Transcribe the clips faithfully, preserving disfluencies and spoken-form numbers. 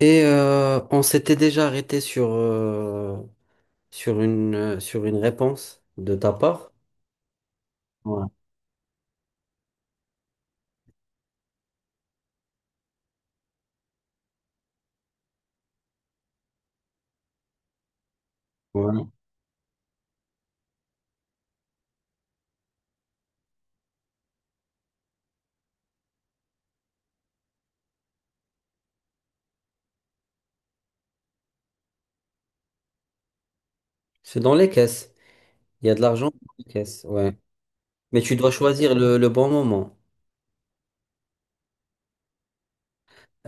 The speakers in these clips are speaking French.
Et euh, on s'était déjà arrêté sur, euh, sur une, euh, sur une réponse de ta part. Ouais. Ouais. C'est dans les caisses. Il y a de l'argent dans les caisses. Ouais. Mais tu dois choisir le, le bon moment.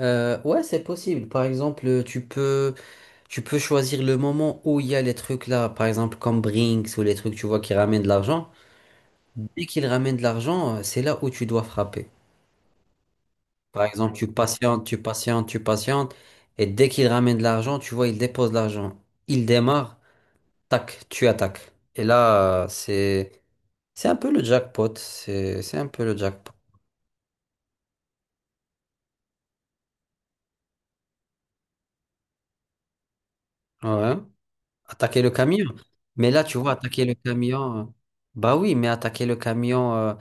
Euh, ouais, c'est possible. Par exemple, tu peux, tu peux choisir le moment où il y a les trucs là, par exemple comme Brinks ou les trucs, tu vois, qui ramènent de l'argent. Dès qu'ils ramènent de l'argent, euh, c'est là où tu dois frapper. Par exemple, tu patientes, tu patientes, tu patientes, et dès qu'il ramène de l'argent, tu vois, il dépose l'argent. Il démarre, tac, tu attaques. Et là, euh, c'est c'est un peu le jackpot. C'est c'est un peu le jackpot. Ouais. Attaquer le camion. Mais là, tu vois, attaquer le camion. euh, Bah oui, mais attaquer le camion, euh,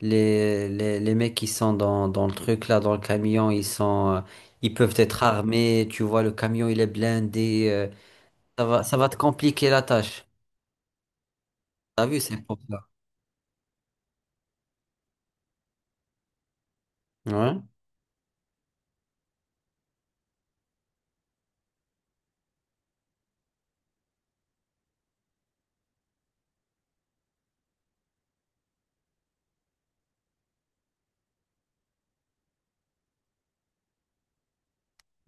les, les, les mecs qui sont dans, dans le truc là, dans le camion, ils sont, euh, ils peuvent être armés. Tu vois, le camion, il est blindé. Euh, ça va, ça va te compliquer la tâche. T'as vu, c'est pour ça. Ouais.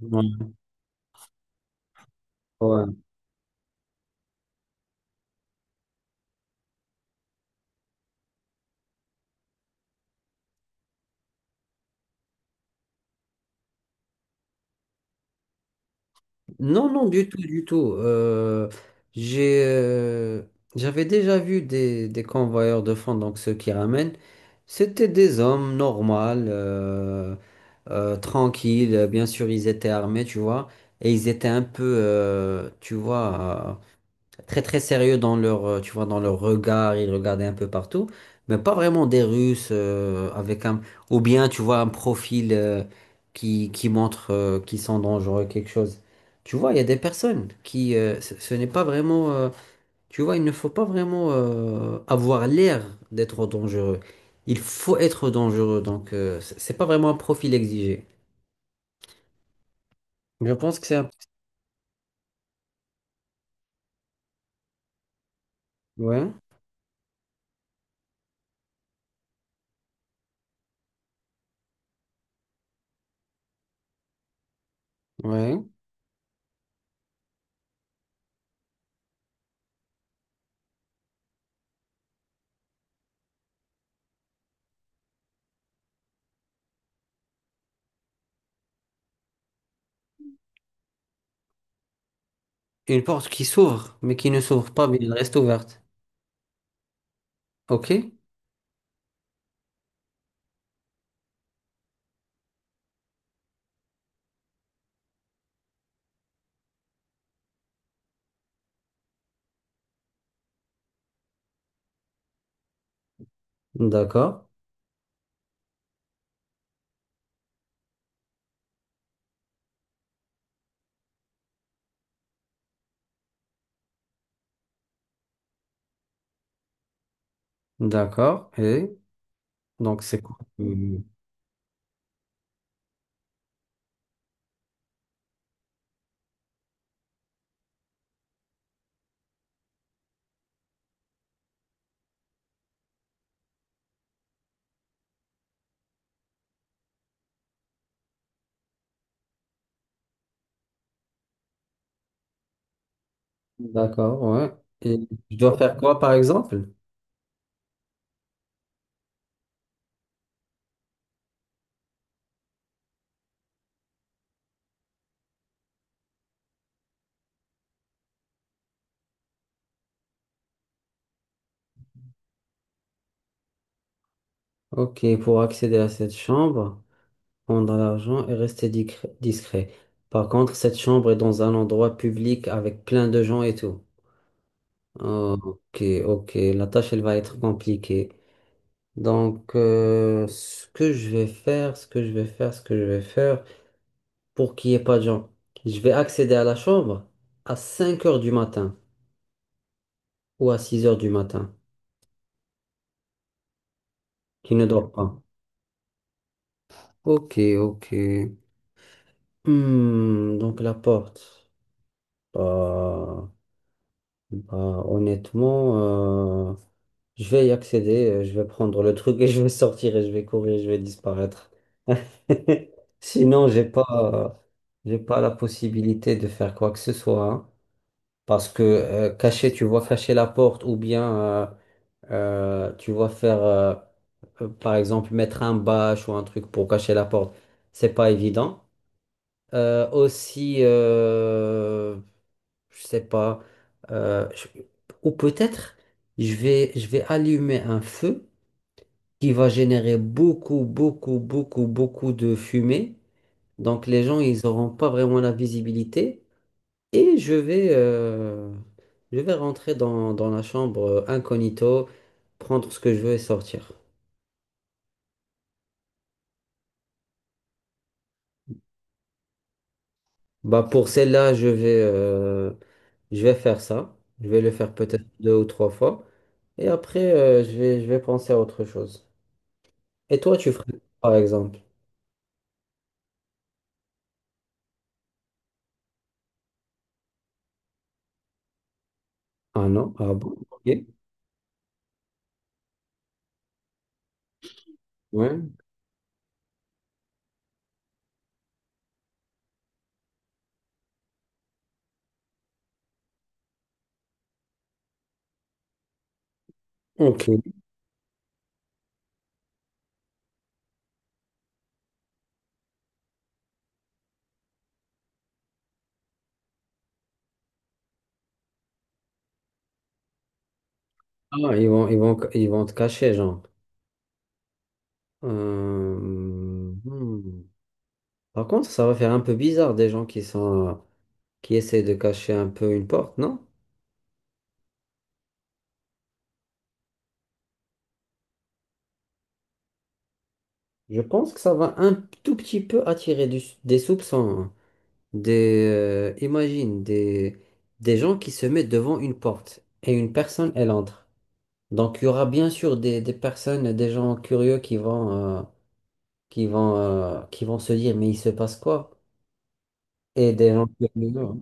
Ouais. Ouais. Non, non, du tout, du tout. Euh, j'ai, euh, j'avais déjà vu des, des convoyeurs de fonds, donc ceux qui ramènent. C'était des hommes normaux, euh, euh, tranquilles. Bien sûr, ils étaient armés, tu vois. Et ils étaient un peu, euh, tu vois, très très sérieux dans leur, euh, tu vois, dans leur regard, ils regardaient un peu partout, mais pas vraiment des Russes euh, avec un, ou bien tu vois un profil euh, qui, qui montre euh, qu'ils sont dangereux, quelque chose. Tu vois, il y a des personnes qui, euh, ce ce n'est pas vraiment, euh, tu vois, il ne faut pas vraiment euh, avoir l'air d'être dangereux. Il faut être dangereux, donc euh, c'est c'est pas vraiment un profil exigé. Je pense que c'est un... Ouais, ouais. Une porte qui s'ouvre, mais qui ne s'ouvre pas, mais elle reste ouverte. Ok? D'accord, d'accord. Et donc c'est quoi? euh, D'accord, ouais. Et je dois faire quoi par exemple? Ok, pour accéder à cette chambre, prendre l'argent et rester dic- discret. Par contre, cette chambre est dans un endroit public avec plein de gens et tout. Ok, ok. La tâche, elle va être compliquée. Donc, euh, ce que je vais faire, ce que je vais faire, ce que je vais faire, pour qu'il n'y ait pas de gens, je vais accéder à la chambre à cinq heures du matin, ou à six heures du matin, qui ne dort pas. Ok, ok. Hmm, donc la porte. Bah, bah, honnêtement, euh, je vais y accéder, euh, je vais prendre le truc et je vais sortir et je vais courir, je vais disparaître. Sinon, j'ai pas, euh, j'ai pas la possibilité de faire quoi que ce soit. Hein. Parce que euh, cacher, tu vois, cacher la porte ou bien euh, Euh, tu vois, faire, euh, euh, par exemple, mettre un bâche ou un truc pour cacher la porte, c'est pas évident. Euh, aussi, euh, je sais pas, euh, je- ou peut-être je vais, je vais allumer un feu qui va générer beaucoup, beaucoup, beaucoup, beaucoup de fumée. Donc les gens, ils n'auront pas vraiment la visibilité. Et je vais, euh, je vais rentrer dans, dans la chambre euh, incognito, prendre ce que je veux et sortir. Bah pour celle-là, je vais, euh, je vais faire ça. Je vais le faire peut-être deux ou trois fois. Et après, euh, je vais, je vais penser à autre chose. Et toi, tu ferais quoi, par exemple? Ah non? Ah bon? Ok. Ouais. Ok. Ah, ils vont, ils vont, ils vont te cacher, genre. Euh, hmm. Par contre, ça va faire un peu bizarre des gens qui sont, euh, qui essaient de cacher un peu une porte, non? Je pense que ça va un tout petit peu attirer du- des soupçons. Hein. Des, euh, imagine des, des gens qui se mettent devant une porte et une personne, elle entre. Donc, il y aura bien sûr des, des personnes, des gens curieux qui vont, euh, qui vont, euh, qui vont se dire, mais il se passe quoi? Et des gens curieux. Hein.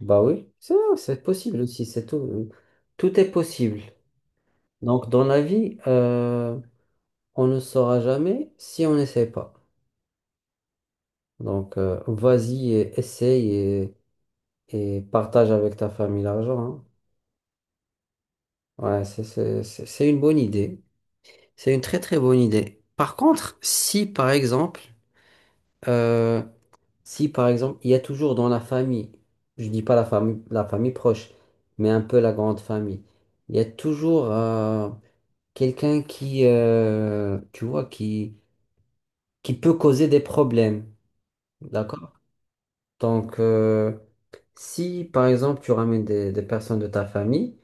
Bah oui, c'est c'est possible aussi, c'est tout. euh, Tout est possible. Donc, dans la vie, euh, on ne saura jamais si on n'essaie pas. Donc, euh, vas-y, et essaye et, et partage avec ta famille l'argent. Hein. Ouais, c'est c'est- c'est- c'est une bonne idée. C'est une très très bonne idée. Par contre, si par exemple, euh, si par exemple, il y a toujours dans la famille, je dis pas la famille, la famille proche, mais un peu la grande famille, il y a toujours euh, quelqu'un qui, euh, tu vois, qui, qui peut causer des problèmes. D'accord? Donc, euh, si par exemple, tu ramènes des des personnes de ta famille,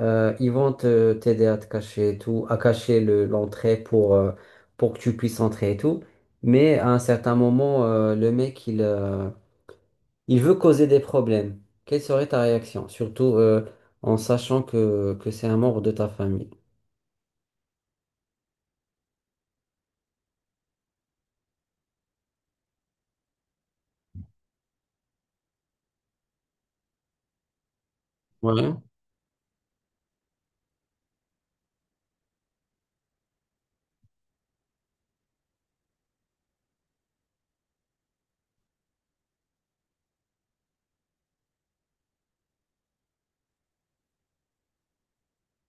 Euh, ils vont te t'aider à te cacher et tout, à cacher le- l'entrée pour, euh, pour que tu puisses entrer et tout. Mais à un certain moment, euh, le mec, il, euh, il veut causer des problèmes. Quelle serait ta réaction? Surtout euh, en sachant que, que c'est un membre de ta famille. Ouais.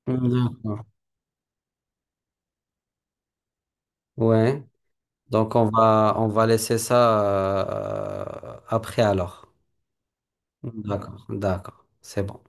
D'accord. Ouais. Donc on va on va laisser ça euh, après alors. D'accord, d'accord. C'est bon.